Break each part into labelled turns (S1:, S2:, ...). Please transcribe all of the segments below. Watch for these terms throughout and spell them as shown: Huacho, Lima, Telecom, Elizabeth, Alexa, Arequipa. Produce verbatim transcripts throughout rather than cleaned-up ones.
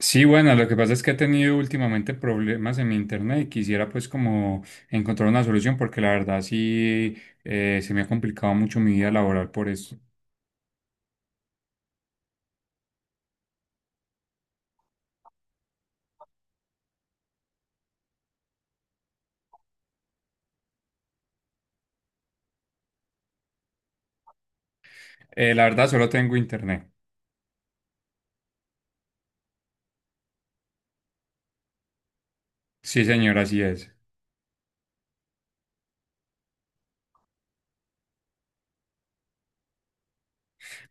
S1: Sí, bueno, lo que pasa es que he tenido últimamente problemas en mi internet y quisiera pues como encontrar una solución porque la verdad sí eh, se me ha complicado mucho mi vida laboral por eso. Eh, la verdad solo tengo internet. Sí, señor, así es.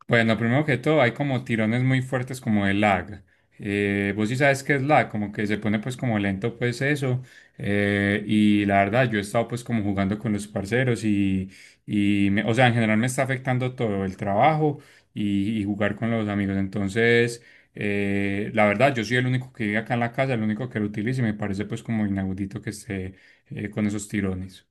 S1: Bueno, primero que todo, hay como tirones muy fuertes como de lag. Eh, vos sí sabes qué es lag, como que se pone pues como lento pues eso. Eh, y la verdad, yo he estado pues como jugando con los parceros y, y me- o sea, en general me está afectando todo el trabajo y, y jugar con los amigos. Entonces, eh, la verdad, yo soy el único que vive acá en la casa, el único que lo utiliza y me parece pues como inaudito que esté eh, con esos tirones.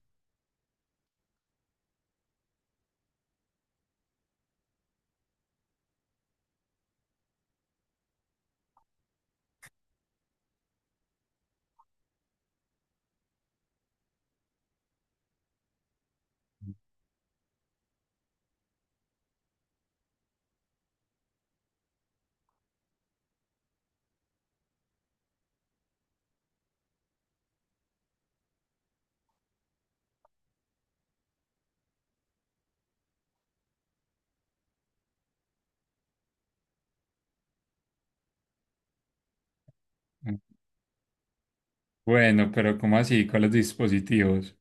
S1: Bueno, pero ¿cómo así? ¿Cuáles dispositivos?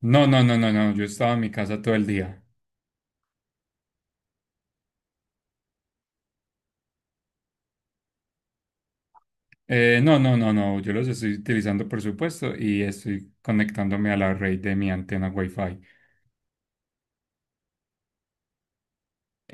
S1: No, no, no, no, no, yo estaba en mi casa todo el día. Eh, no, no, no, no, yo los estoy utilizando por supuesto y estoy conectándome a la red de mi antena Wi-Fi.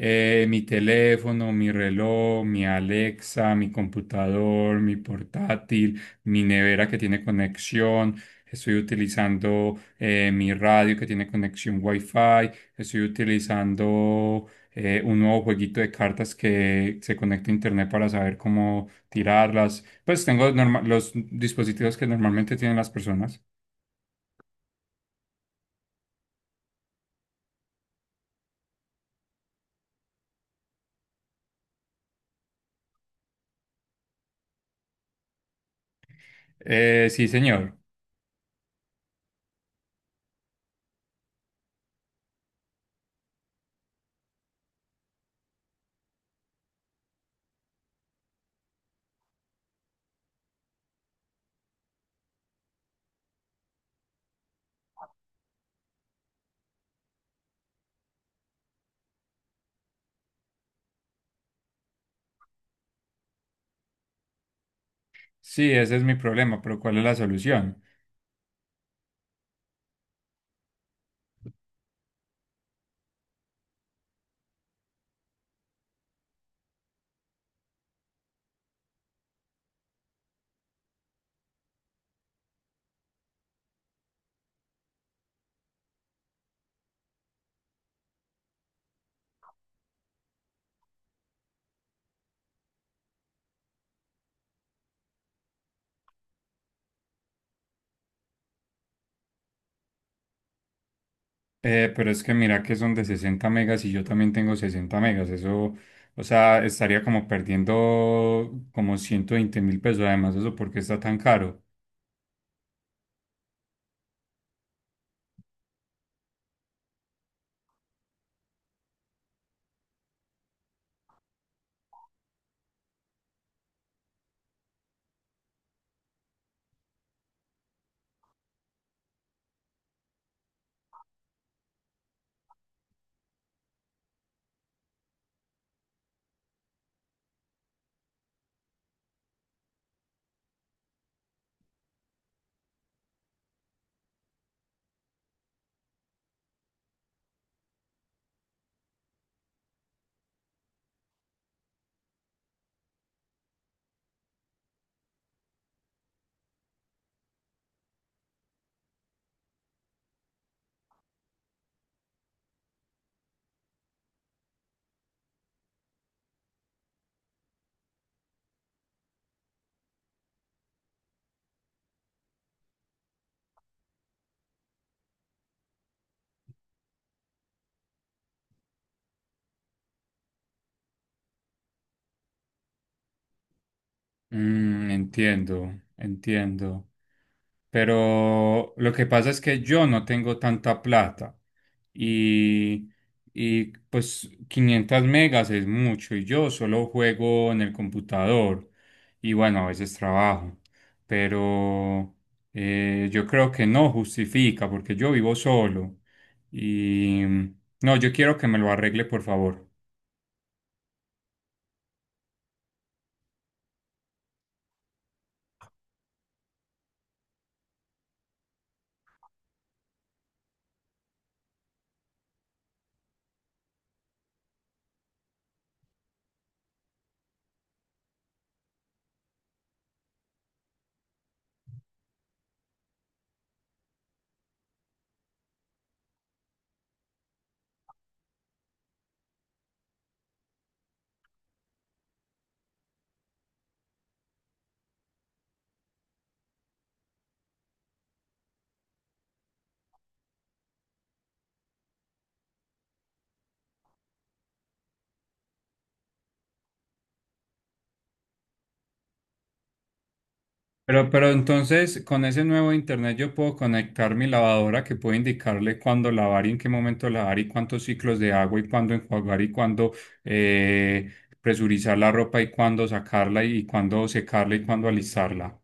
S1: Eh, mi teléfono, mi reloj, mi Alexa, mi computador, mi portátil, mi nevera que tiene conexión. Estoy utilizando eh, mi radio que tiene conexión Wi-Fi. Estoy utilizando eh, un nuevo jueguito de cartas que se conecta a internet para saber cómo tirarlas. Pues tengo norma- los dispositivos que normalmente tienen las personas. Eh, sí, señor. Sí, ese es mi problema, pero ¿cuál es la solución? Eh, pero es que mira que son de sesenta megas y yo también tengo sesenta megas. Eso, o sea, estaría como perdiendo como ciento veinte mil pesos. Además, eso porque está tan caro. Mm, entiendo, entiendo. Pero lo que pasa es que yo no tengo tanta plata y, y pues quinientas megas es mucho y yo solo juego en el computador y bueno, a veces trabajo, pero eh, yo creo que no justifica porque yo vivo solo y no, yo quiero que me lo arregle por favor. Pero, pero entonces, con ese nuevo internet yo puedo conectar mi lavadora que puede indicarle cuándo lavar y en qué momento lavar y cuántos ciclos de agua y cuándo enjuagar y cuándo eh, presurizar la ropa y cuándo sacarla y cuándo secarla y cuándo alistarla.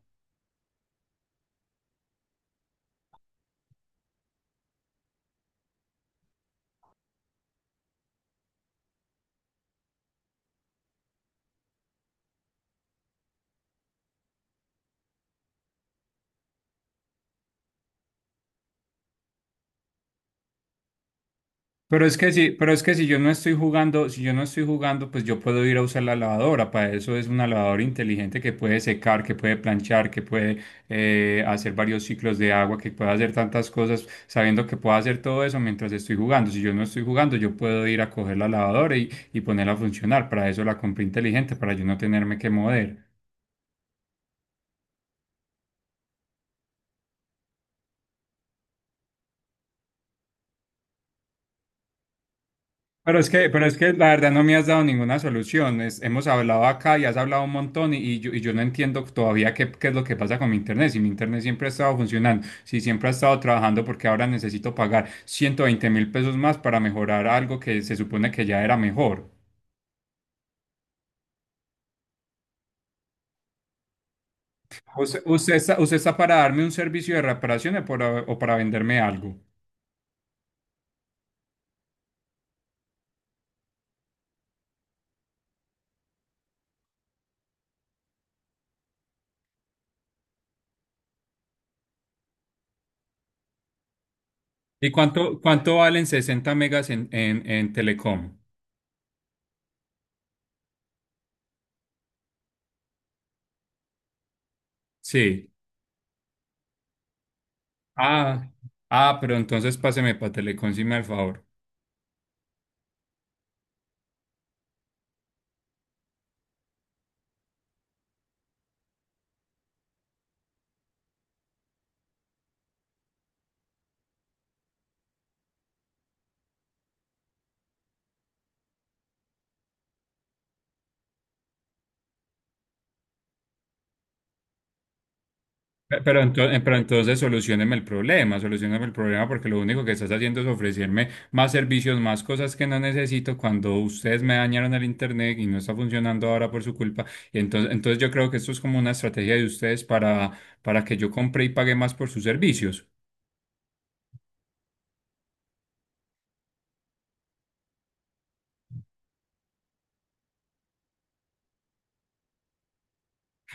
S1: Pero es que si, pero es que si yo no estoy jugando, si yo no estoy jugando, pues yo puedo ir a usar la lavadora. Para eso es una lavadora inteligente que puede secar, que puede planchar, que puede eh, hacer varios ciclos de agua, que puede hacer tantas cosas, sabiendo que puedo hacer todo eso mientras estoy jugando. Si yo no estoy jugando, yo puedo ir a coger la lavadora y, y ponerla a funcionar. Para eso la compré inteligente, para yo no tenerme que mover. Pero es que, pero es que la verdad no me has dado ninguna solución. Es- hemos hablado acá y has hablado un montón y, y yo, y yo no entiendo todavía qué, qué es lo que pasa con mi internet. Si mi internet siempre ha estado funcionando, si siempre ha estado trabajando, porque ahora necesito pagar ciento veinte mil pesos más para mejorar algo que se supone que ya era mejor. Usted, usted está, usted está para darme un servicio de reparaciones por a- o para venderme algo. ¿Y cuánto, cuánto valen sesenta megas en, en, en Telecom? Sí. Ah, ah, pero entonces páseme para Telecom, si me da el favor. Pe- Pero, entonces, pero entonces solucioneme el problema, solucioneme el problema porque lo único que estás haciendo es ofrecerme más servicios, más cosas que no necesito cuando ustedes me dañaron el internet y no está funcionando ahora por su culpa. Entonces, entonces yo creo que esto es como una estrategia de ustedes para, para que yo compre y pague más por sus servicios.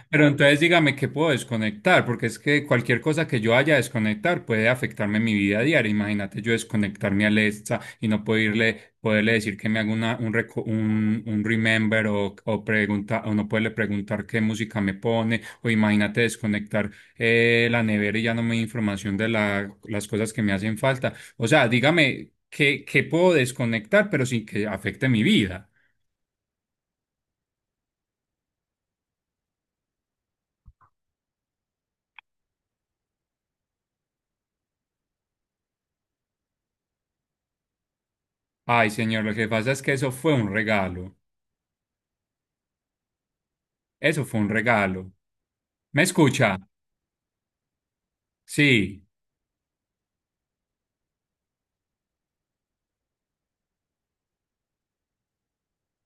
S1: Pero entonces dígame qué puedo desconectar, porque es que cualquier cosa que yo haya desconectar puede afectarme en mi vida diaria. Imagínate yo desconectarme a Alexa y no poderle, poderle decir que me haga una, un, reco- un, un remember o, o, pregunta, o no poderle preguntar qué música me pone, o imagínate desconectar eh, la nevera y ya no me da información de la- las cosas que me hacen falta. O sea, dígame qué, qué puedo desconectar, pero sin que afecte mi vida. Ay, señor, lo que pasa es que eso fue un regalo. Eso fue un regalo. ¿Me escucha? Sí.